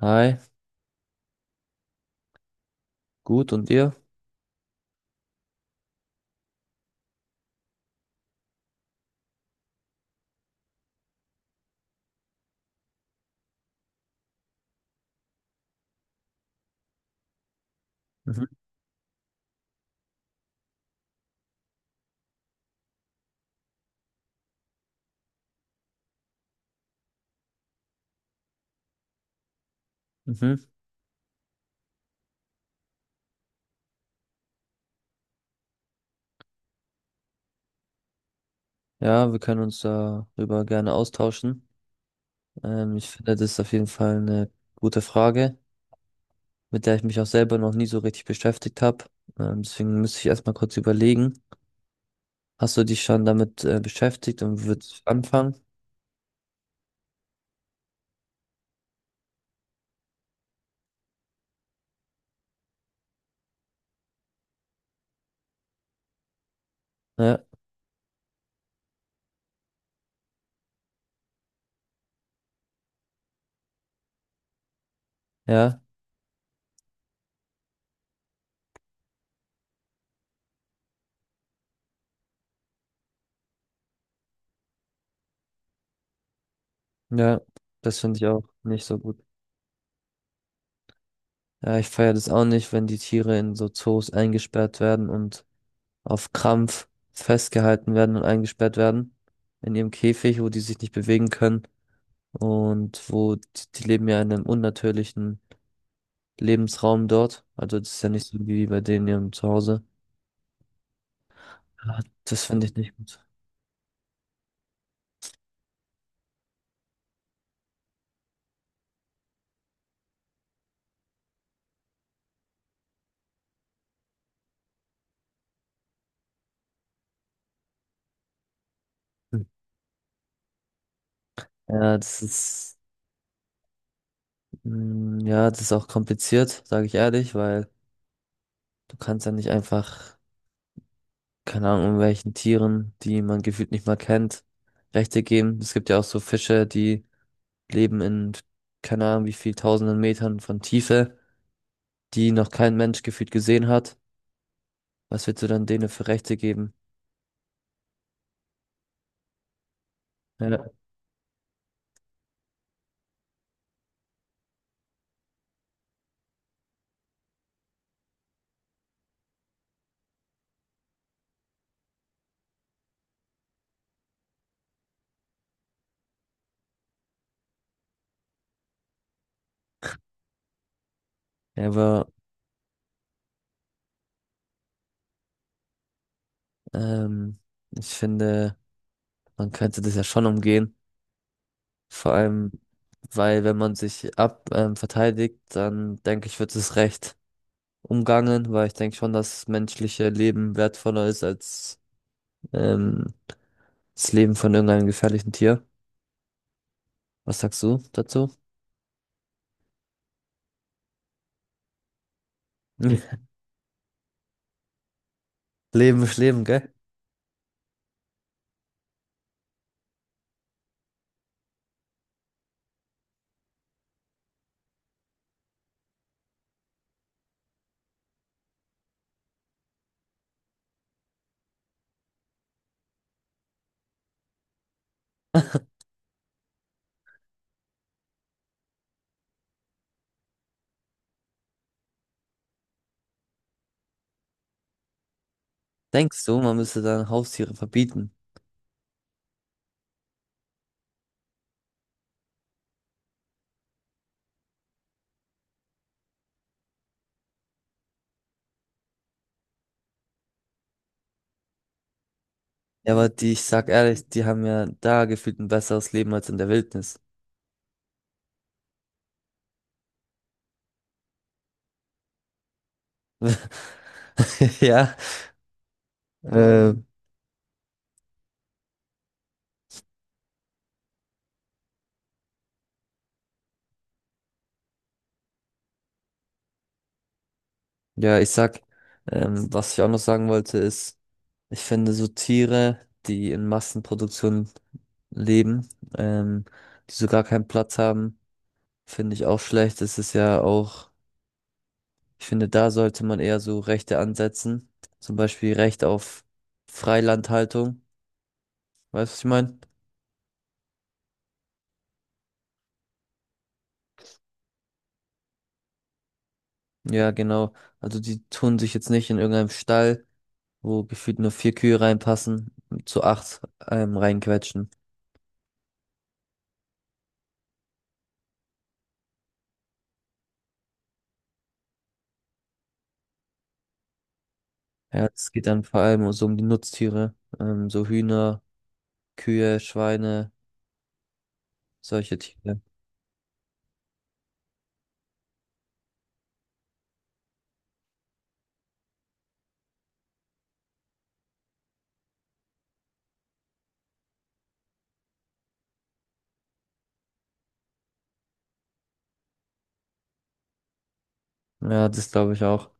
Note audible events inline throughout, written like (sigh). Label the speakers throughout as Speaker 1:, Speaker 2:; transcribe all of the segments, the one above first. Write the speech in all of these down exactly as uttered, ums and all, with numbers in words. Speaker 1: Hi, gut und ihr? Mhm. Mhm. Ja, wir können uns darüber gerne austauschen. Ähm, ich finde, das ist auf jeden Fall eine gute Frage, mit der ich mich auch selber noch nie so richtig beschäftigt habe. Ähm, deswegen müsste ich erstmal kurz überlegen. Hast du dich schon damit äh, beschäftigt und würdest anfangen? Ja, ja, ja, das finde ich auch nicht so gut. Ja, ich feiere das auch nicht, wenn die Tiere in so Zoos eingesperrt werden und auf Krampf festgehalten werden und eingesperrt werden in ihrem Käfig, wo die sich nicht bewegen können und wo die, die leben ja in einem unnatürlichen Lebensraum dort. Also das ist ja nicht so wie bei denen in ihrem Zuhause. Ja, das finde ich nicht gut. Hm. Ja, das ist, mm, ja, das ist auch kompliziert, sage ich ehrlich, weil du kannst ja nicht einfach, keine Ahnung, welchen Tieren, die man gefühlt nicht mal kennt, Rechte geben. Es gibt ja auch so Fische, die leben in keine Ahnung wie viel tausenden Metern von Tiefe, die noch kein Mensch gefühlt gesehen hat. Was willst du dann denen für Rechte geben? Ja. Aber ähm, ich finde, man könnte das ja schon umgehen. Vor allem, weil wenn man sich ab ähm, verteidigt, dann denke ich, wird es recht umgangen, weil ich denke schon, dass menschliche Leben wertvoller ist als ähm, das Leben von irgendeinem gefährlichen Tier. Was sagst du dazu? (laughs) Leben ist Leben, gell? Denkst du, man müsste dann Haustiere verbieten? Ja, aber die, ich sag ehrlich, die haben ja da gefühlt ein besseres Leben als in der Wildnis. (laughs) Ja, äh, ja, ich sag, ähm, was ich auch noch sagen wollte, ist, ich finde so Tiere, die in Massenproduktion leben, ähm, die so gar keinen Platz haben, finde ich auch schlecht. Es ist ja auch, ich finde, da sollte man eher so Rechte ansetzen. Zum Beispiel Recht auf Freilandhaltung. Weißt du, was ich meine? Ja, genau. Also die tun sich jetzt nicht in irgendeinem Stall, wo gefühlt nur vier Kühe reinpassen, zu acht ähm, reinquetschen. Ja, es geht dann vor allem so um die Nutztiere, ähm, so Hühner, Kühe, Schweine, solche Tiere. Ja, das glaube ich auch,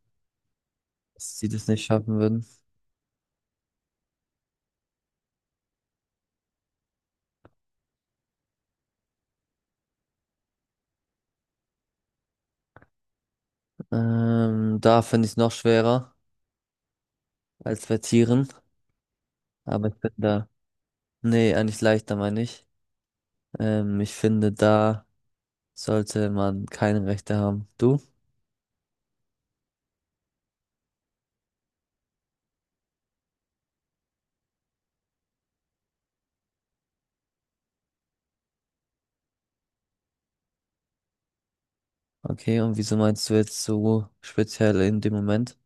Speaker 1: dass sie das nicht schaffen würden. Ähm, da finde ich es noch schwerer als bei Tieren, aber ich bin da, nee, eigentlich leichter meine ich. Ähm, ich finde, da sollte man keine Rechte haben. Du? Okay, und wieso meinst du jetzt so speziell in dem Moment?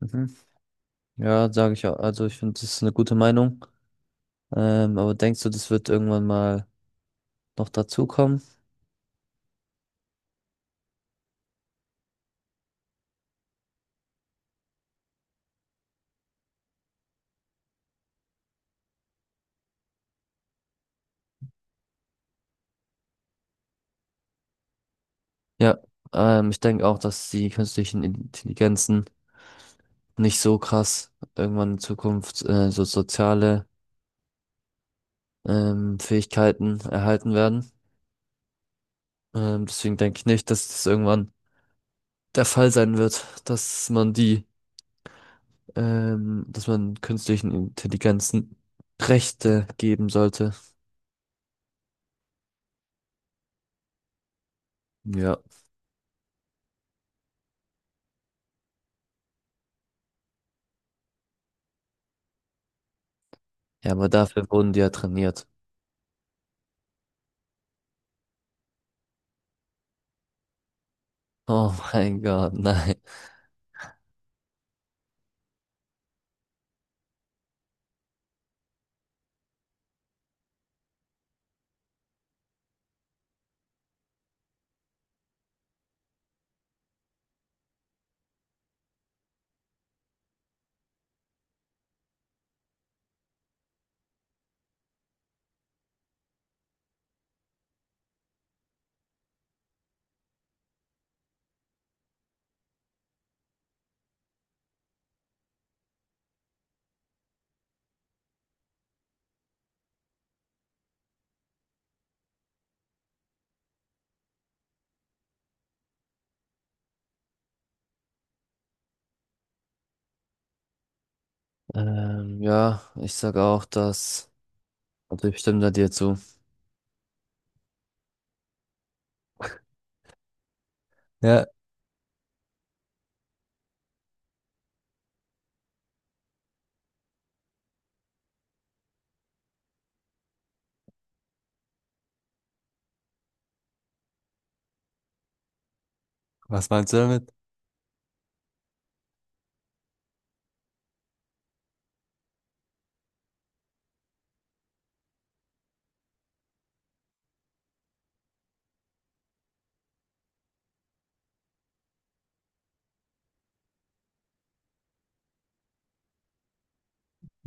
Speaker 1: Mhm. Ja, sage ich auch. Also ich finde, das ist eine gute Meinung. Ähm, aber denkst du, das wird irgendwann mal noch dazukommen? Ja, ähm, ich denke auch, dass die künstlichen Intelligenzen nicht so krass irgendwann in Zukunft äh, so soziale ähm, Fähigkeiten erhalten werden. Ähm, deswegen denke ich nicht, dass das irgendwann der Fall sein wird, dass man die, ähm, dass man künstlichen Intelligenzen Rechte geben sollte. Ja. Ja, aber dafür wurden die ja trainiert. Oh mein Gott, (laughs) nein. Ähm, ja, ich sage auch das. Also ich stimme da dir zu. Ja, was meinst du damit? (laughs)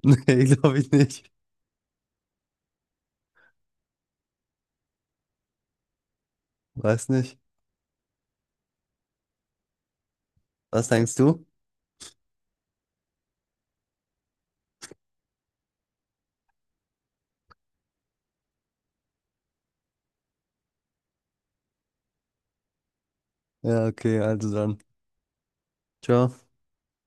Speaker 1: Nee, glaube ich nicht. Weiß nicht. Was denkst du? Ja, okay, also dann. Ciao.